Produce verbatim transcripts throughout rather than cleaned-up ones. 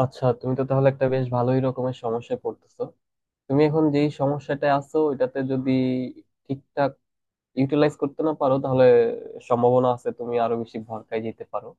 আচ্ছা, তুমি তো তাহলে একটা বেশ ভালোই রকমের সমস্যায় পড়তেছো। তুমি এখন যেই সমস্যাটায় আছো এটাতে যদি ঠিকঠাক ইউটিলাইজ করতে না পারো, তাহলে সম্ভাবনা আছে তুমি আরো বেশি ভরকায় যেতে পারো।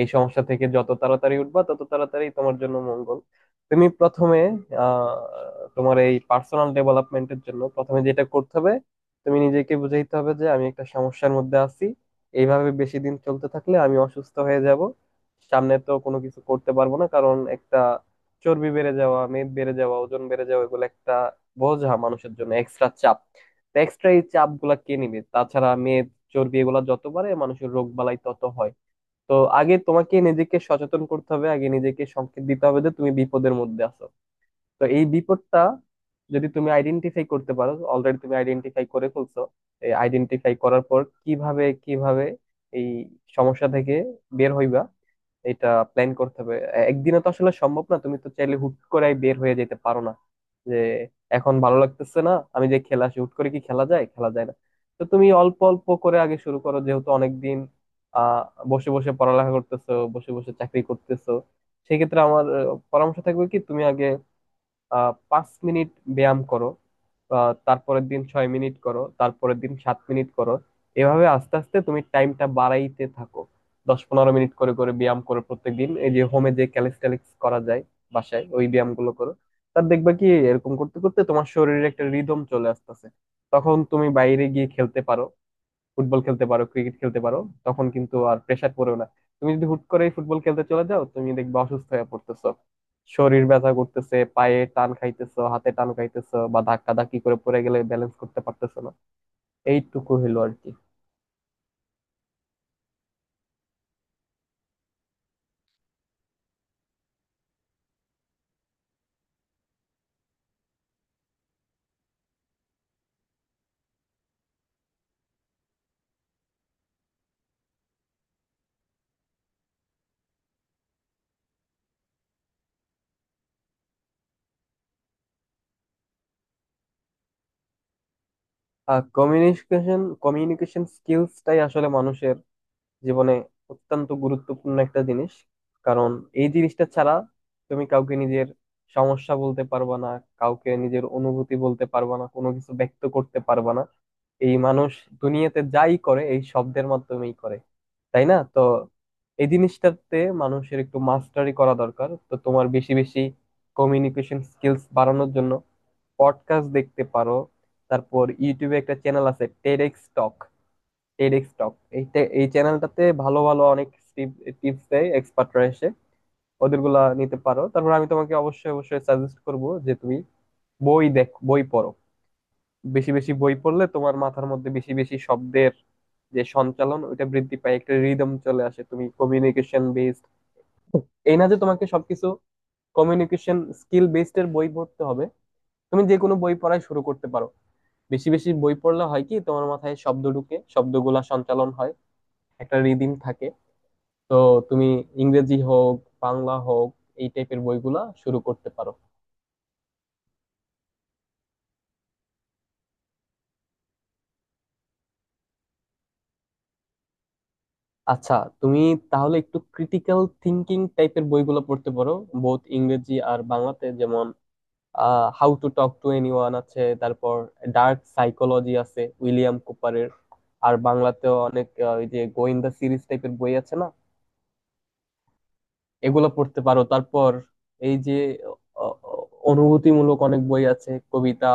এই সমস্যা থেকে যত তাড়াতাড়ি উঠবা, তত তাড়াতাড়ি তোমার জন্য মঙ্গল। তুমি প্রথমে আহ তোমার এই পার্সোনাল ডেভেলপমেন্টের জন্য প্রথমে যেটা করতে হবে, তুমি নিজেকে বুঝাইতে হবে যে আমি একটা সমস্যার মধ্যে আছি। এইভাবে বেশি দিন চলতে থাকলে আমি অসুস্থ হয়ে যাব, সামনে তো কোনো কিছু করতে পারবো না। কারণ একটা চর্বি বেড়ে যাওয়া, মেদ বেড়ে যাওয়া, ওজন বেড়ে যাওয়া, এগুলো একটা বোঝা, মানুষের জন্য এক্সট্রা চাপ। এক্সট্রা এই চাপ গুলা কে নিবে? তাছাড়া মেদ চর্বি এগুলা যত বাড়ে, মানুষের রোগ বালাই তত হয়। তো আগে তোমাকে নিজেকে সচেতন করতে হবে, আগে নিজেকে সংকেত দিতে হবে যে তুমি বিপদের মধ্যে আছো। তো এই বিপদটা যদি তুমি আইডেন্টিফাই করতে পারো, অলরেডি তুমি আইডেন্টিফাই করে ফেলছো। এই আইডেন্টিফাই করার পর কিভাবে কিভাবে এই সমস্যা থেকে বের হইবা, এটা প্ল্যান করতে হবে। এ- একদিনে তো আসলে সম্ভব না, তুমি তো চাইলে হুট করে বের হয়ে যেতে পারো না যে এখন ভালো লাগতেছে না, আমি যে খেলা আসি হুট করে, কি খেলা যায়? খেলা যায় না। তো তুমি অল্প অল্প করে আগে শুরু করো। যেহেতু অনেকদিন আহ বসে বসে পড়ালেখা করতেছো, বসে বসে চাকরি করতেছো, সেক্ষেত্রে আমার আহ, পরামর্শ থাকবে কি তুমি আগে আহ পাঁচ মিনিট ব্যায়াম করো, আহ তারপরের দিন ছয় মিনিট করো, তারপরের দিন সাত মিনিট করো। এভাবে আস্তে আস্তে তুমি টাইমটা বাড়াইতে থাকো। দশ পনেরো মিনিট করে করে ব্যায়াম করো প্রত্যেকদিন। এই যে হোমে যে ক্যালিস্টেনিক্স করা যায়, বাসায় ওই ব্যায়াম গুলো করো। তার দেখবা কি এরকম করতে করতে তোমার শরীরে একটা রিদম চলে আসতেছে। তখন তুমি বাইরে গিয়ে খেলতে পারো, ফুটবল খেলতে পারো, ক্রিকেট খেলতে পারো। তখন কিন্তু আর প্রেসার পড়েও না। তুমি যদি হুট করে ফুটবল খেলতে চলে যাও, তুমি দেখবে অসুস্থ হয়ে পড়তেছো, শরীর ব্যথা করতেছে, পায়ে টান খাইতেছো, হাতে টান খাইতেছো, বা ধাক্কা ধাক্কি করে পড়ে গেলে ব্যালেন্স করতে পারতেছো না। এইটুকু হলো আর কি। আর কমিউনিকেশন কমিউনিকেশন স্কিলসটাই আসলে মানুষের জীবনে অত্যন্ত গুরুত্বপূর্ণ একটা জিনিস। কারণ এই জিনিসটা ছাড়া তুমি কাউকে নিজের সমস্যা বলতে পারবা না, কাউকে নিজের অনুভূতি বলতে পারবা না, কোনো কিছু ব্যক্ত করতে পারবা না। এই মানুষ দুনিয়াতে যাই করে, এই শব্দের মাধ্যমেই করে, তাই না? তো এই জিনিসটাতে মানুষের একটু মাস্টারি করা দরকার। তো তোমার বেশি বেশি কমিউনিকেশন স্কিলস বাড়ানোর জন্য পডকাস্ট দেখতে পারো। তারপর ইউটিউবে একটা চ্যানেল আছে, টেডেক্স টক। টেডেক্স টক, এই টে- এই চ্যানেলটাতে ভালো ভালো অনেক টিপস দেয় এক্সপার্টরা এসে। ওদেরগুলা নিতে পারো। তারপর আমি তোমাকে অবশ্যই অবশ্যই সাজেস্ট করব যে তুমি বই দেখ, বই পড়ো। বেশি বেশি বই পড়লে তোমার মাথার মধ্যে বেশি বেশি শব্দের যে সঞ্চালন, ওইটা বৃদ্ধি পায়, একটা রিদম চলে আসে। তুমি কমিউনিকেশন বেসড, এই না যে তোমাকে সবকিছু কমিউনিকেশন স্কিল বেসড এর বই পড়তে হবে। তুমি যে কোনো বই পড়াই শুরু করতে পারো। বেশি বেশি বই পড়লে হয় কি, তোমার মাথায় শব্দ ঢুকে, শব্দগুলা সঞ্চালন হয়, একটা রিদিম থাকে। তো তুমি ইংরেজি হোক, বাংলা হোক, এই টাইপের বইগুলা শুরু করতে পারো। আচ্ছা, তুমি তাহলে একটু ক্রিটিক্যাল থিঙ্কিং টাইপের বইগুলো পড়তে পারো, বোথ ইংরেজি আর বাংলাতে। যেমন how to talk to anyone আছে, তারপর ডার্ক সাইকোলজি আছে উইলিয়াম কুপারের। আর বাংলাতেও অনেক আহ, ওই যে গোয়েন্দা সিরিজ টাইপের বই আছে না, এগুলো পড়তে পারো। তারপর এই যে অ- অ- অনুভূতিমূলক অনেক বই আছে, কবিতা,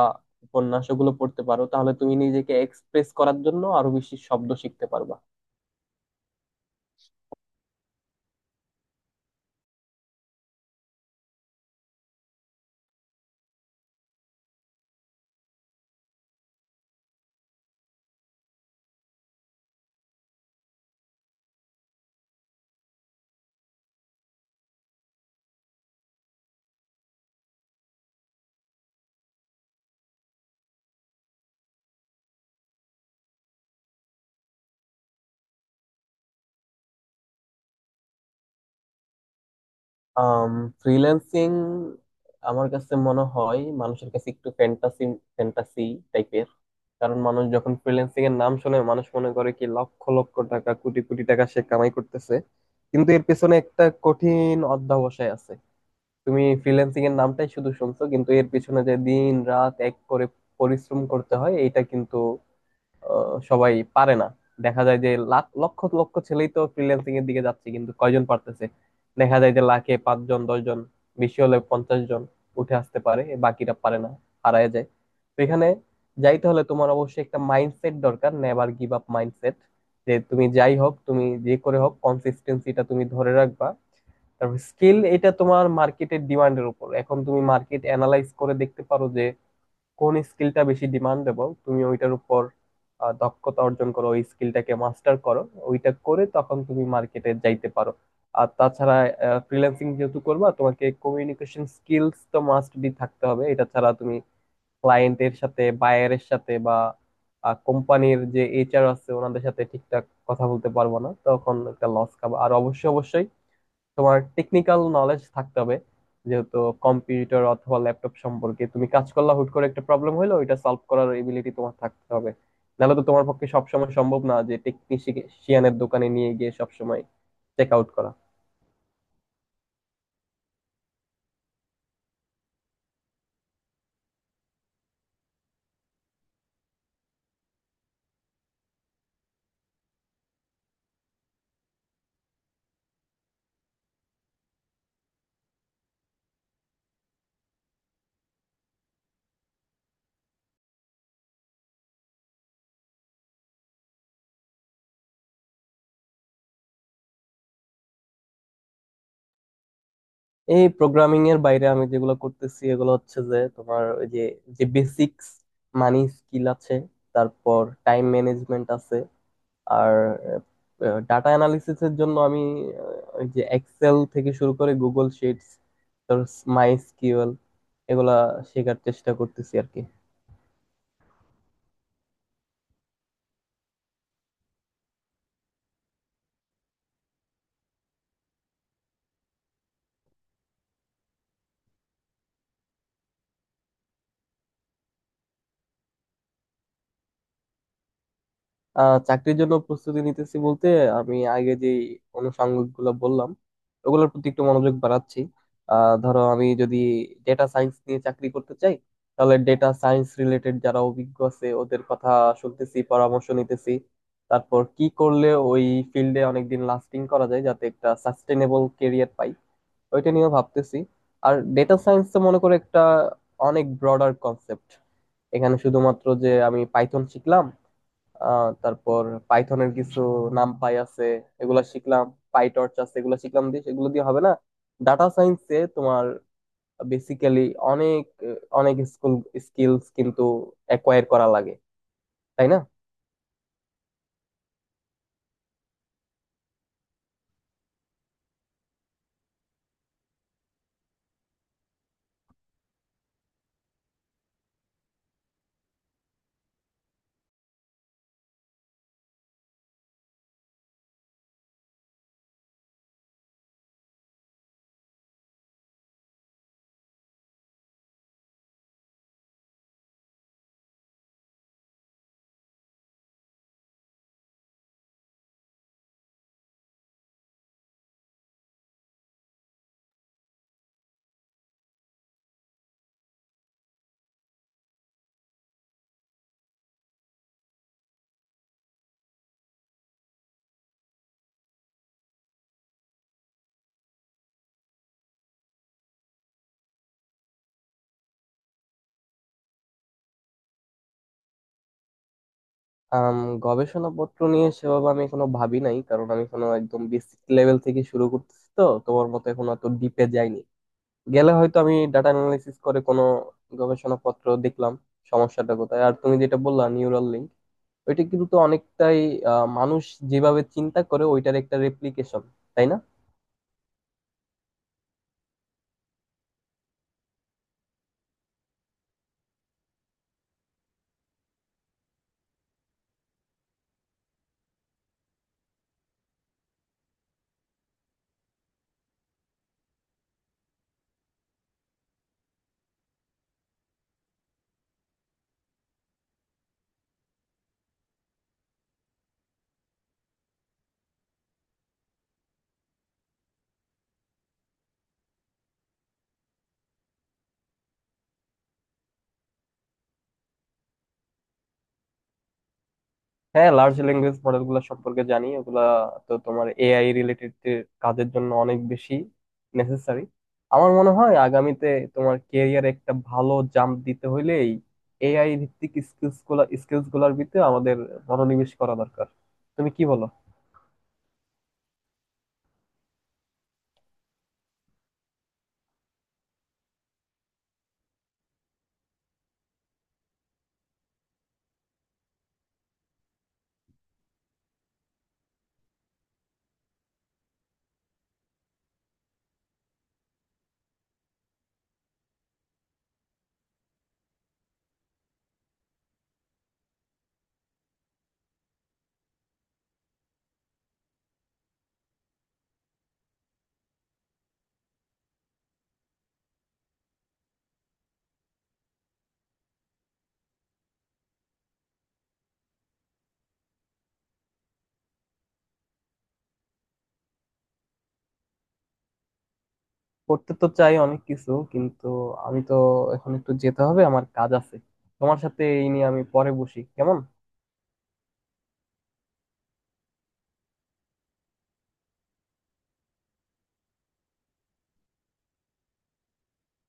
উপন্যাস, ওগুলো পড়তে পারো। তাহলে তুমি নিজেকে এক্সপ্রেস করার জন্য আরো বেশি শব্দ শিখতে পারবা। আম ফ্রিল্যান্সিং আমার কাছে মনে হয় মানুষের কাছে একটু ফ্যান্টাসি ফ্যান্টাসি টাইপের। কারণ মানুষ যখন ফ্রিল্যান্সিং এর নাম শোনে, মানুষ মনে করে কি লক্ষ লক্ষ টাকা, কোটি কোটি টাকা সে কামাই করতেছে। কিন্তু এর পেছনে একটা কঠিন অধ্যবসায় আছে। তুমি ফ্রিল্যান্সিং এর নামটাই শুধু শুনছো, কিন্তু এর পিছনে যে দিন রাত এক করে পরিশ্রম করতে হয়, এটা কিন্তু আহ, সবাই পারে না। দেখা যায় যে লাখ লক্ষ লক্ষ ছেলেই তো ফ্রিল্যান্সিং এর দিকে যাচ্ছে, কিন্তু কয়জন পারতেছে? দেখা যায় যে লাখে পাঁচজন, দশজন, বেশি হলে পঞ্চাশ জন উঠে আসতে পারে, বাকিরা পারে না, হারায় যায়। তো এখানে যাইতে হলে তোমার অবশ্যই একটা মাইন্ডসেট দরকার, নেভার গিভ আপ মাইন্ডসেট। যে তুমি যাই হোক, তুমি যে করে হোক কনসিস্টেন্সিটা তুমি ধরে রাখবা। তারপর স্কিল, এটা তোমার মার্কেটের ডিমান্ডের উপর। এখন তুমি মার্কেট অ্যানালাইজ করে দেখতে পারো যে কোন স্কিলটা বেশি ডিমান্ডেবল, তুমি ওইটার উপর আহ, দক্ষতা অর্জন করো, ওই স্কিলটাকে মাস্টার করো। ওইটা করে তখন তুমি মার্কেটে যাইতে পারো। আর তাছাড়া ফ্রিল্যান্সিং যেহেতু করবা, তোমাকে কমিউনিকেশন স্কিলস তো মাস্ট বি থাকতে হবে। এটা ছাড়া তুমি ক্লায়েন্টের সাথে, বায়ারের সাথে, বা কোম্পানির যে এইচআর আছে ওনাদের সাথে ঠিকঠাক কথা বলতে পারবো না, তখন একটা লস খাবো। আর অবশ্যই অবশ্যই তোমার টেকনিক্যাল নলেজ থাকতে হবে। যেহেতু কম্পিউটার অথবা ল্যাপটপ সম্পর্কে তুমি কাজ করলা, হুট করে একটা প্রবলেম হলো, ওইটা সলভ করার এবিলিটি তোমার থাকতে হবে। নাহলে তো তোমার পক্ষে সবসময় সম্ভব না যে টেকনিশিয়ানের দোকানে নিয়ে গিয়ে সবসময় চেক আউট করা। এই প্রোগ্রামিং এর বাইরে আমি যেগুলো করতেছি, এগুলো হচ্ছে যে তোমার ওই যে যে বেসিক্স, মানি স্কিল আছে, তারপর টাইম ম্যানেজমেন্ট আছে। আর ডাটা অ্যানালিসিস এর জন্য আমি আহ, ওই যে এক্সেল থেকে শুরু করে গুগল শিটস, তারপর মাই এসকিউএল, এগুলা শেখার চেষ্টা করতেছি আর কি। আহ চাকরির জন্য প্রস্তুতি নিতেছি বলতে, আমি আগে যে অনুষঙ্গ গুলো বললাম, ওগুলোর প্রতি একটু মনোযোগ বাড়াচ্ছি। আহ ধরো আমি যদি ডেটা সায়েন্স নিয়ে চাকরি করতে চাই, তাহলে ডেটা সায়েন্স রিলেটেড যারা অভিজ্ঞ আছে, ওদের কথা শুনতেছি, পরামর্শ নিতেছি। তারপর কি করলে ওই ফিল্ডে অনেকদিন লাস্টিং করা যায়, যাতে একটা সাস্টেনেবল কেরিয়ার পাই, ওইটা নিয়েও ভাবতেছি। আর ডেটা সায়েন্স তো মনে করো একটা অনেক ব্রডার কনসেপ্ট। এখানে শুধুমাত্র যে আমি পাইথন শিখলাম, আহ তারপর পাইথনের কিছু নামপাই আছে এগুলা শিখলাম, পাইটর্চ আছে এগুলা শিখলাম, দিয়ে এগুলো দিয়ে হবে না। ডাটা সায়েন্সে তোমার বেসিক্যালি অনেক আহ, অনেক স্কুল স্কিলস কিন্তু অ্যাকোয়ার করা লাগে, তাই না? আম, গবেষণাপত্র নিয়ে সেভাবে আমি এখনো ভাবি নাই, কারণ আমি এখনো একদম বেসিক লেভেল থেকে শুরু করতেছি। তো তোমার মতো এখনো এত ডিপে যাইনি। গেলে হয়তো আমি ডাটা অ্যানালাইসিস করে কোনো গবেষণাপত্র দেখলাম সমস্যাটা কোথায়। আর তুমি যেটা বললা, নিউরাল লিঙ্ক, ওইটা কিন্তু তো অনেকটাই আহ, মানুষ যেভাবে চিন্তা করে ওইটার একটা রেপ্লিকেশন, তাই না? হ্যাঁ, লার্জ ল্যাঙ্গুয়েজ মডেল গুলো সম্পর্কে জানি। ওগুলা তো তোমার এআই রিলেটেড কাজের জন্য অনেক বেশি নেসেসারি। আমার মনে হয় আগামীতে তোমার ক্যারিয়ারে একটা ভালো জাম্প দিতে হইলে এই এআই ভিত্তিক স্কিলস গুলা স্কিলস গুলার ভিতরে আমাদের মনোনিবেশ করা দরকার। তুমি কি বলো? করতে তো চাই অনেক কিছু, কিন্তু আমি তো এখন একটু যেতে হবে, আমার কাজ আছে। তোমার সাথে এই নিয়ে আমি পরে বসি, কেমন?